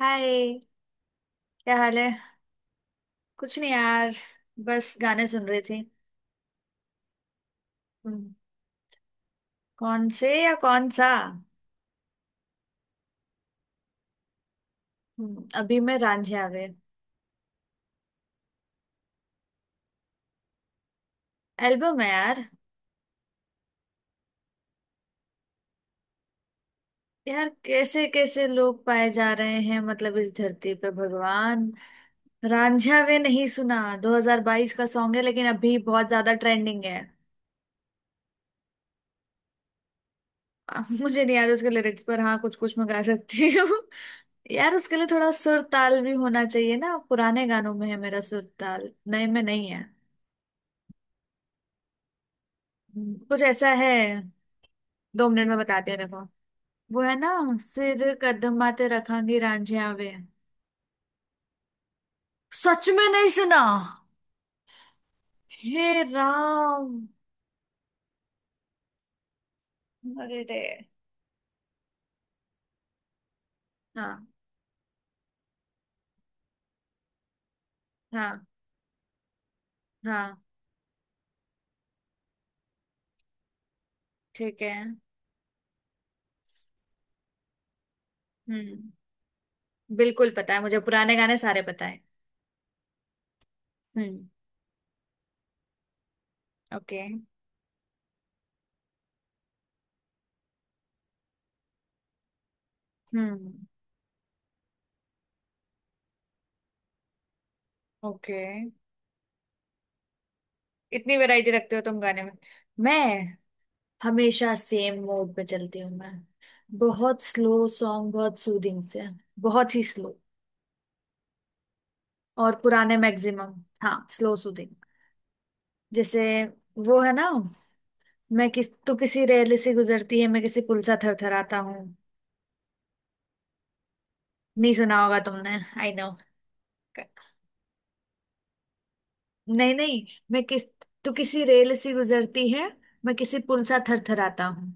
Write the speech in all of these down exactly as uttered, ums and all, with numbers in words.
हाय, क्या हाल है। कुछ नहीं यार। बस गाने सुन रही थी। हम्म। कौन से या कौन सा। हम्म अभी मैं रांझिया वे। एल्बम है यार। यार कैसे कैसे लोग पाए जा रहे हैं, मतलब इस धरती पे भगवान। रांझिया वे नहीं सुना। दो हज़ार बाईस का सॉन्ग है लेकिन अभी बहुत ज्यादा ट्रेंडिंग है। आ, मुझे नहीं याद उसके लिरिक्स, पर हाँ कुछ कुछ मैं गा सकती हूँ। यार उसके लिए थोड़ा सुर ताल भी होना चाहिए ना, पुराने गानों में है मेरा सुर ताल, नए में नहीं है। कुछ ऐसा है। दो मिनट में बताते हैं, देखो। वो है ना, सिर कदमाते रखांगी रांझिया वे। सच में नहीं सुना। हे राम। अरे रे। हाँ हाँ हाँ, ठीक है। हम्म बिल्कुल पता है मुझे, पुराने गाने सारे पता है। हम्म। ओके। हम्म। ओके। इतनी वैरायटी रखते हो तुम गाने में। मैं हमेशा सेम मोड पे चलती हूँ मैं। बहुत स्लो सॉन्ग, बहुत सूदिंग से। बहुत ही स्लो। और पुराने मैक्सिमम। हाँ, स्लो सूदिंग। जैसे वो है ना, मैं किस तू किसी रेल से गुजरती है, मैं किसी पुल सा थरथराता हूँ। नहीं सुना होगा तुमने। I know. नहीं नहीं, मैं किस तू किसी रेल से गुजरती है, मैं किसी पुल सा थरथराता हूँ।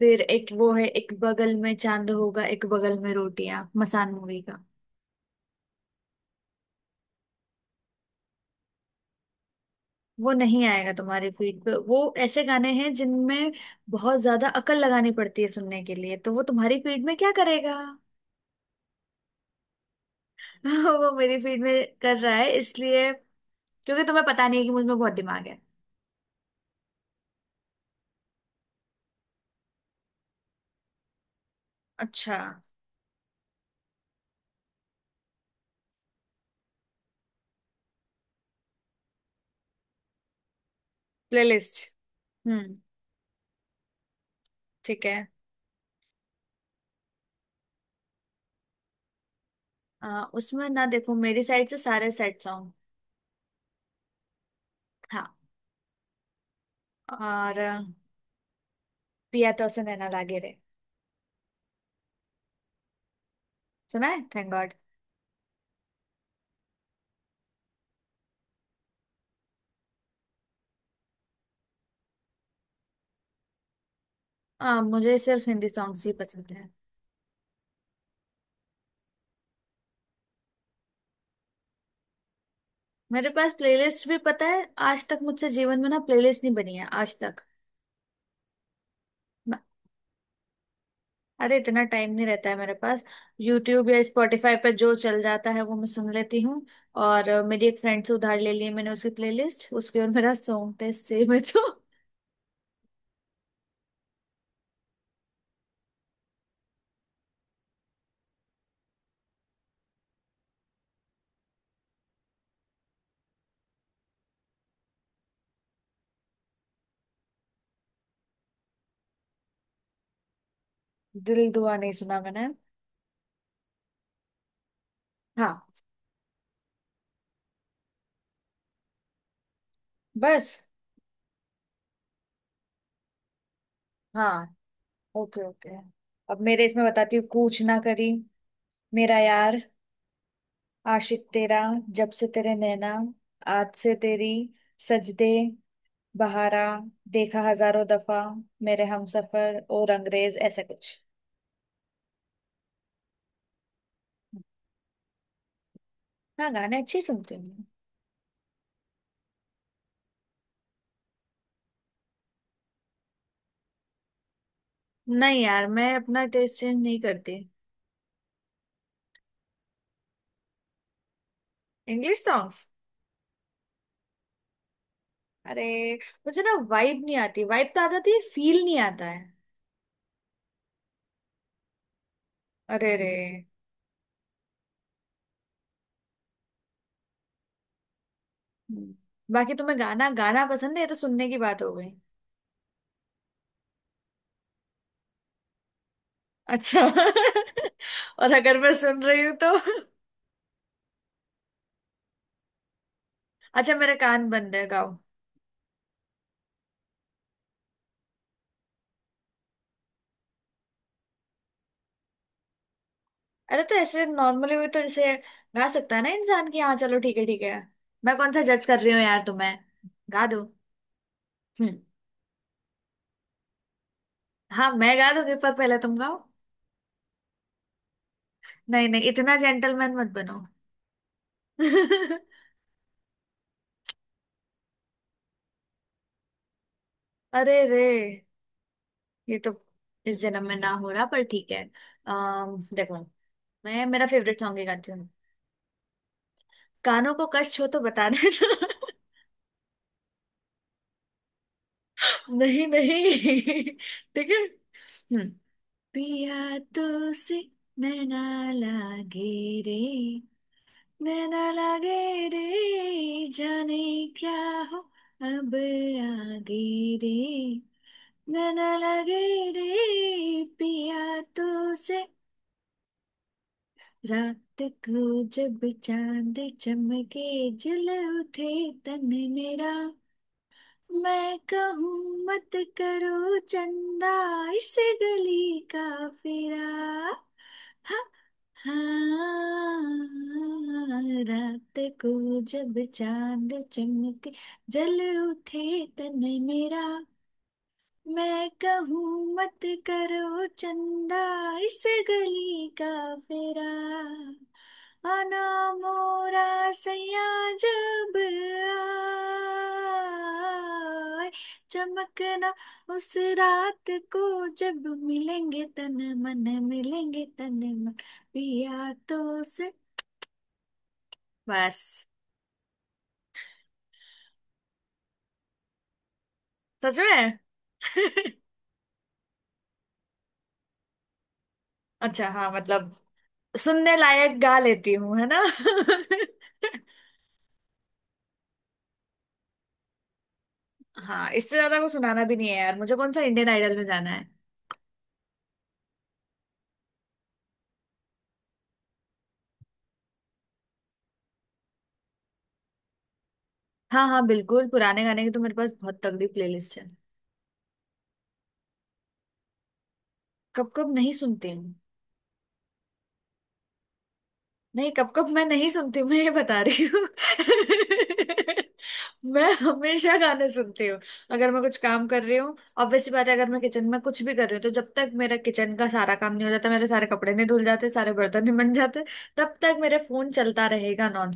फिर एक वो है, एक बगल में चांद होगा एक बगल में रोटियां, मसान मूवी का। वो नहीं आएगा तुम्हारे फीड पे। वो ऐसे गाने हैं जिनमें बहुत ज्यादा अकल लगानी पड़ती है सुनने के लिए, तो वो तुम्हारी फीड में क्या करेगा। वो मेरी फील्ड में कर रहा है इसलिए, क्योंकि तुम्हें पता नहीं है कि मुझ में बहुत दिमाग है। अच्छा। प्लेलिस्ट। हम्म। ठीक है। आ, उसमें ना देखो, मेरी साइड से सारे सेट सॉन्ग। हाँ। और अ, पिया तो उसे नैना लागे रे। सुना है, थैंक गॉड। आ, मुझे सिर्फ हिंदी सॉन्ग्स ही पसंद है। मेरे पास प्लेलिस्ट भी, पता है आज तक मुझसे जीवन में ना प्लेलिस्ट नहीं बनी है आज तक। अरे इतना टाइम नहीं रहता है मेरे पास। यूट्यूब या स्पॉटिफाई पर जो चल जाता है वो मैं सुन लेती हूँ। और अ, मेरी एक फ्रेंड से उधार ले ली है मैंने उसकी प्लेलिस्ट, उसकी और मेरा सॉन्ग टेस्ट सेम है तो। दिल दुआ नहीं सुना मैंने। हाँ, बस। हाँ, ओके ओके। अब मेरे इसमें बताती हूँ, कूच ना करी, मेरा यार, आशिक तेरा, जब से तेरे नैना, आज से तेरी, सजदे, बहारा, देखा हजारों दफा, मेरे हमसफर और अंग्रेज, ऐसा कुछ। हाँ, गाने अच्छे सुनती हूँ मैं। नहीं यार, मैं अपना टेस्ट चेंज नहीं करती। English songs. अरे, मुझे ना वाइब नहीं आती, वाइब तो आ जाती है, फील नहीं आता है। अरे रे। हम्म। बाकी तुम्हें गाना गाना पसंद है, ये तो सुनने की बात हो गई। अच्छा और अगर मैं सुन रही हूँ तो। अच्छा मेरे कान बंद है, गाओ। अरे तो ऐसे नॉर्मली भी तो जैसे गा सकता है ना इंसान, की हाँ, चलो ठीक है ठीक है। मैं कौन सा जज कर रही हूँ यार तुम्हें। गा दो। हम्म। हाँ मैं गा दूंगी, पर पहले तुम गाओ। नहीं नहीं, इतना जेंटलमैन मत बनो। अरे रे, ये तो इस जन्म में ना हो रहा, पर ठीक है। अम देखो, मैं मेरा फेवरेट सॉन्ग ही गाती हूँ। कानों को कष्ट हो तो बता देना। नहीं नहीं, ठीक है। हम्म। पिया तो से, नैना, लागे, रे, नैना लागे रे, जाने, क्या, हो, अब आगे रे, नैना लगे, रे पिया, तो से, रात, को जब, चांद चमके, जल, उठे, तन, मेरा, मैं कहूँ मत, करो चंदा, इस, गली का फेरा, हा, हाँ, रात को जब चांद चमके, जल, उठे तन, मेरा, मैं कहूँ मत, करो चंदा, इस, गली का, फेरा, आना, मोरा, सैया, जब आए, चमकना, उस, रात को जब मिलेंगे तन मन, मिलेंगे तन, मन, पिया तो से, बस। सच में अच्छा हाँ, मतलब सुनने लायक गा लेती हूँ, है ना। हाँ, इससे ज्यादा को सुनाना भी नहीं है यार, मुझे कौन सा इंडियन आइडल में जाना है। हाँ हाँ बिल्कुल, पुराने गाने की तो मेरे पास बहुत तगड़ी प्लेलिस्ट है। कब कब नहीं सुनती हूँ। नहीं, कब कब मैं नहीं सुनती हूँ, मैं ये बता रही हूँ। मैं हमेशा गाने सुनती हूँ। अगर मैं कुछ काम कर रही हूँ, ऑब्वियसली बात है, अगर मैं किचन में कुछ भी कर रही हूँ तो जब तक मेरा किचन का सारा काम नहीं हो जाता, मेरे सारे कपड़े नहीं धुल जाते, सारे बर्तन नहीं बन जाते, तब तक मेरा फोन चलता रहेगा नॉन।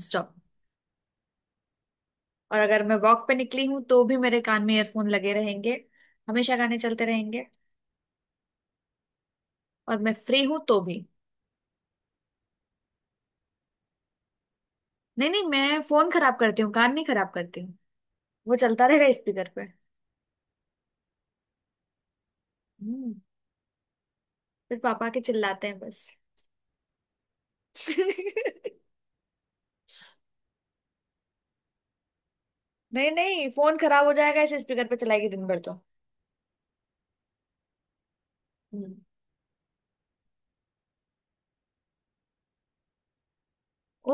और अगर मैं वॉक पे निकली हूँ तो भी मेरे कान में ईयरफोन लगे रहेंगे। हमेशा गाने चलते रहेंगे। और मैं फ्री हूँ तो भी। नहीं नहीं, मैं फोन खराब करती हूँ, कान नहीं खराब करती हूँ। वो चलता रहेगा स्पीकर पे। हम्म। फिर पापा के चिल्लाते हैं, बस। नहीं नहीं, फोन खराब हो जाएगा इसे स्पीकर पे चलाएगी दिन भर तो। हम्म।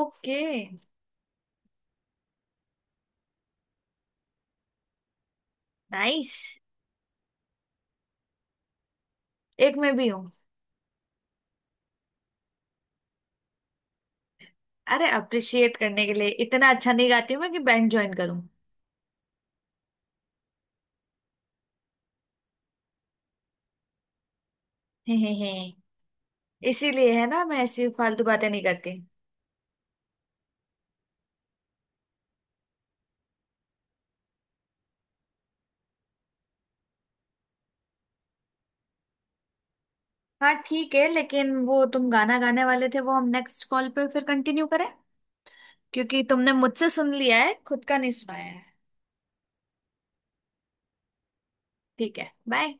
ओके। नाइस। एक में भी हूँ। अरे, अप्रिशिएट करने के लिए इतना अच्छा नहीं गाती हूँ मैं कि बैंड ज्वाइन करूँ। हे हे हे। इसीलिए है ना, मैं ऐसी फालतू बातें नहीं करती। हाँ ठीक है, लेकिन वो तुम गाना गाने वाले थे वो हम नेक्स्ट कॉल पे फिर कंटिन्यू करें, क्योंकि तुमने मुझसे सुन लिया है, खुद का नहीं सुनाया है। ठीक है, बाय।